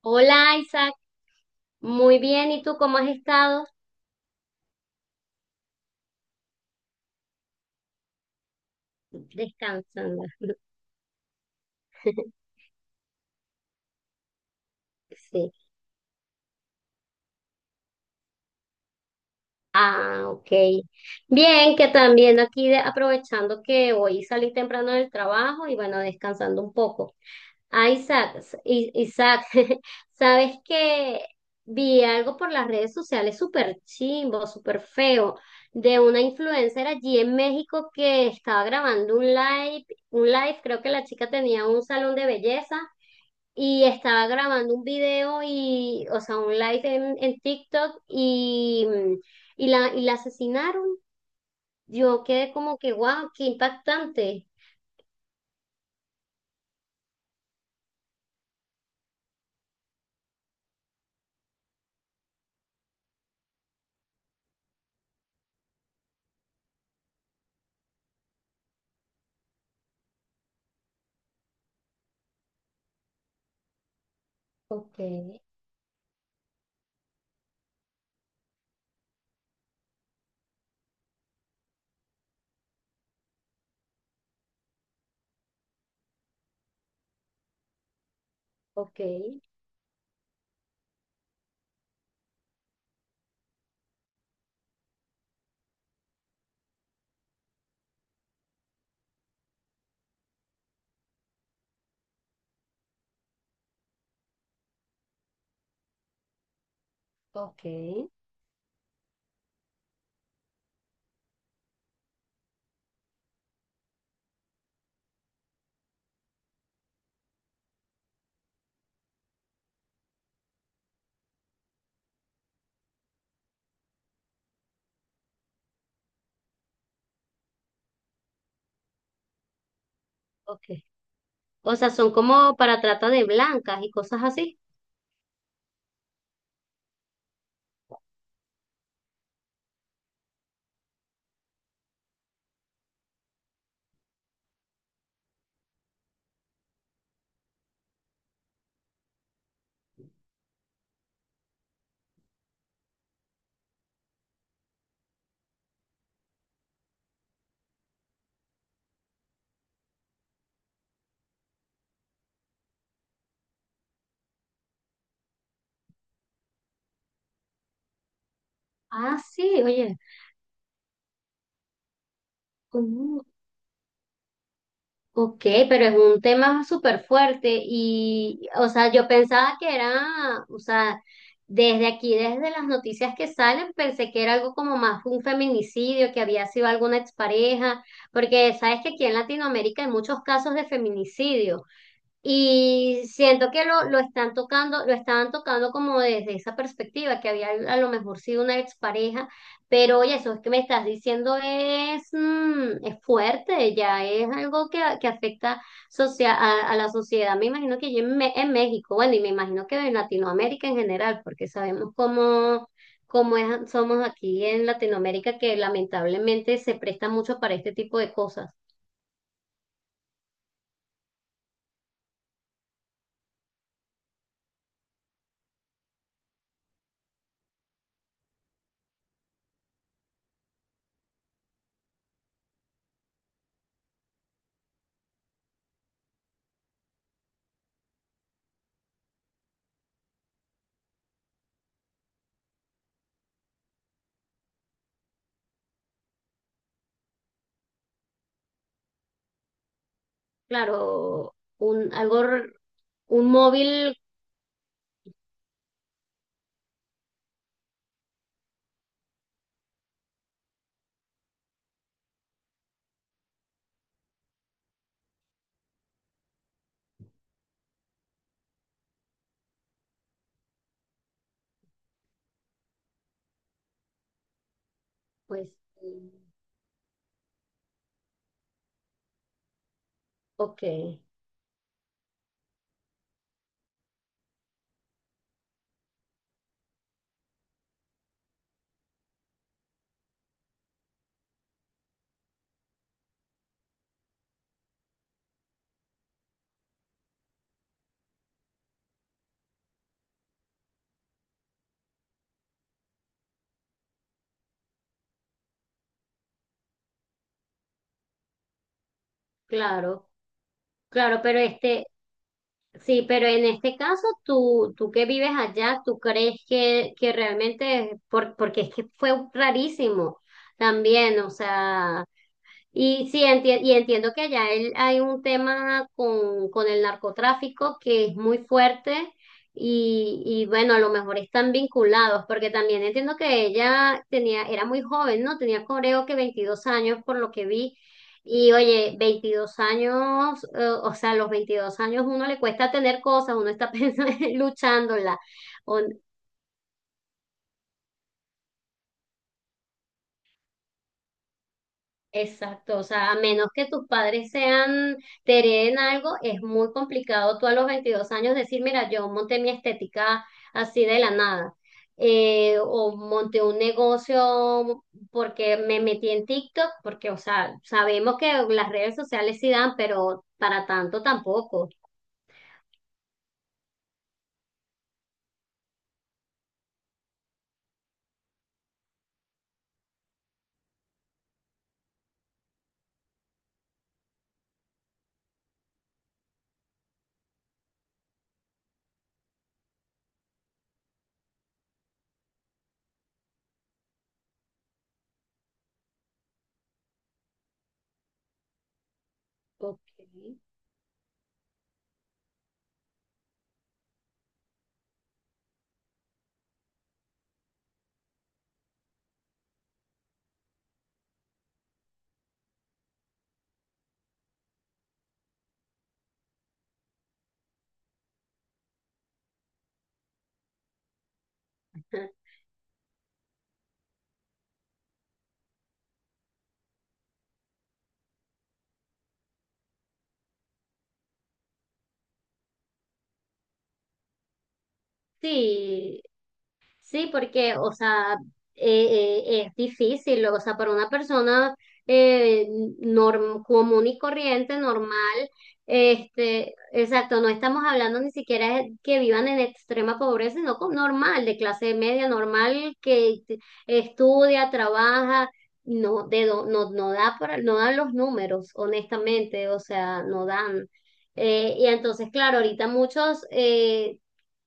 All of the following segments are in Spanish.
Hola Isaac, muy bien. ¿Y tú cómo has estado? Descansando. Sí. Ah, ok. Bien, que también aquí aprovechando que hoy salí temprano del trabajo y bueno, descansando un poco. Ah, Isaac, Isaac, sabes que vi algo por las redes sociales súper chimbo, súper feo, de una influencer allí en México que estaba grabando un live, creo que la chica tenía un salón de belleza y estaba grabando un video y, o sea, un live en TikTok y, y la asesinaron. Yo quedé como que wow, qué impactante. Ok, ok, ok, ok. O sea, son como para trata de blancas y cosas así. Ah, sí, oye. Ok, pero es un tema súper fuerte y, o sea, desde aquí, desde las noticias que salen, pensé que era algo como más un feminicidio, que había sido alguna expareja, porque sabes que aquí en Latinoamérica hay muchos casos de feminicidio y siento que lo están tocando, lo estaban tocando como desde esa perspectiva, que había a lo mejor sido una expareja, pero oye, eso es que me estás diciendo es, es fuerte, ya es algo que afecta a la sociedad, me imagino que ya en, en México, bueno, y me imagino que en Latinoamérica en general, porque sabemos cómo, somos aquí en Latinoamérica, que lamentablemente se presta mucho para este tipo de cosas. Claro, un, algo un móvil. Pues sí, ok, claro, claro, pero este, sí, pero en este caso, tú que vives allá, ¿tú crees que realmente, por, porque es que fue rarísimo también, o sea, y entiendo que allá hay un tema con el narcotráfico que es muy fuerte y bueno, a lo mejor están vinculados, porque también entiendo que ella tenía, era muy joven, ¿no? Tenía creo que 22 años por lo que vi. Y oye, 22 años, o sea, a los 22 años uno le cuesta tener cosas, uno está pensando, luchándola. Exacto, o sea, a menos que tus padres sean, te hereden algo, es muy complicado tú a los 22 años decir, mira, yo monté mi estética así de la nada, o monté un negocio porque me metí en TikTok, porque, o sea, sabemos que las redes sociales sí dan, pero para tanto tampoco. Ok. Sí, sí, porque, o sea, es difícil, o sea, para una persona eh, común y corriente, normal, este, exacto, no estamos hablando ni siquiera que vivan en extrema pobreza, sino con normal, de clase media, normal, estudia, trabaja, no, no, no da para, no dan los números, honestamente, o sea, no dan. Y entonces, claro, ahorita muchos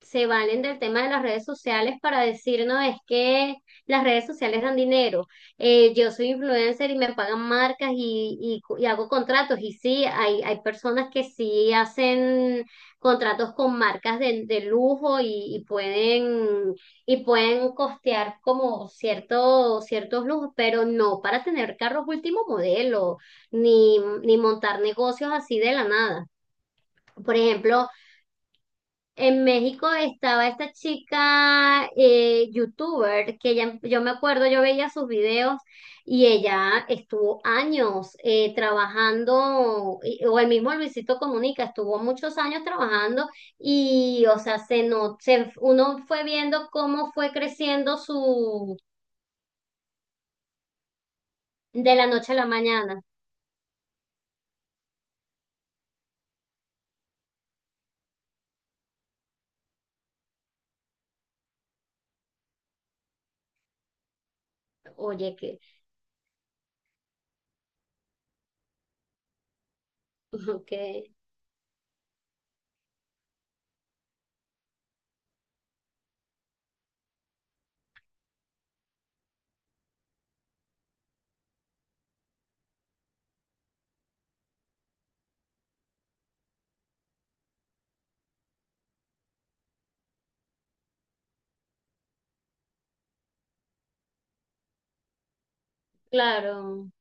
se valen del tema de las redes sociales para decir, no, es que las redes sociales dan dinero. Yo soy influencer y me pagan marcas y hago contratos. Y sí, hay personas que sí hacen contratos con marcas de lujo y pueden costear como ciertos lujos, pero no para tener carros último modelo, ni, ni montar negocios así de la nada. Por ejemplo, en México estaba esta chica youtuber que ella, yo me acuerdo, yo veía sus videos y ella estuvo años trabajando, o el mismo Luisito Comunica, estuvo muchos años trabajando y, o sea, se no, se- uno fue viendo cómo fue creciendo su, de la noche a la mañana. Oye, que, que, claro.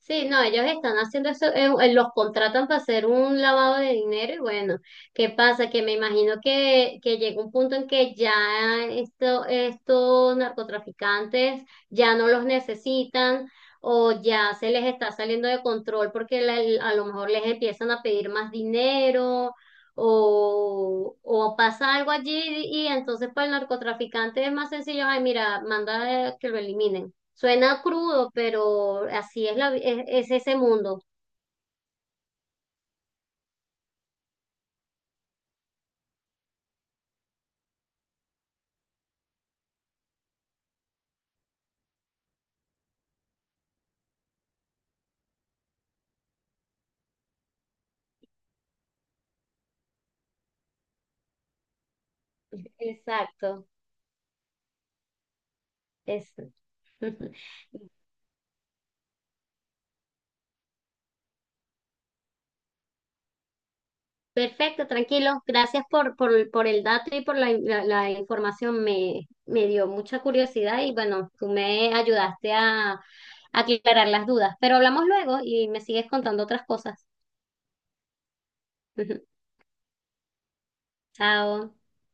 Sí, no, ellos están haciendo eso, los contratan para hacer un lavado de dinero y bueno, ¿qué pasa? Que me imagino que llega un punto en que ya esto, estos narcotraficantes ya no los necesitan o ya se les está saliendo de control porque a lo mejor les empiezan a pedir más dinero o pasa algo allí y entonces para el narcotraficante es más sencillo, ay, mira, manda que lo eliminen. Suena crudo, pero así es la, es ese mundo. Exacto. Es. Perfecto, tranquilo. Gracias por el dato y por la información. Me dio mucha curiosidad y bueno, tú me ayudaste a aclarar las dudas. Pero hablamos luego y me sigues contando otras cosas. Chao.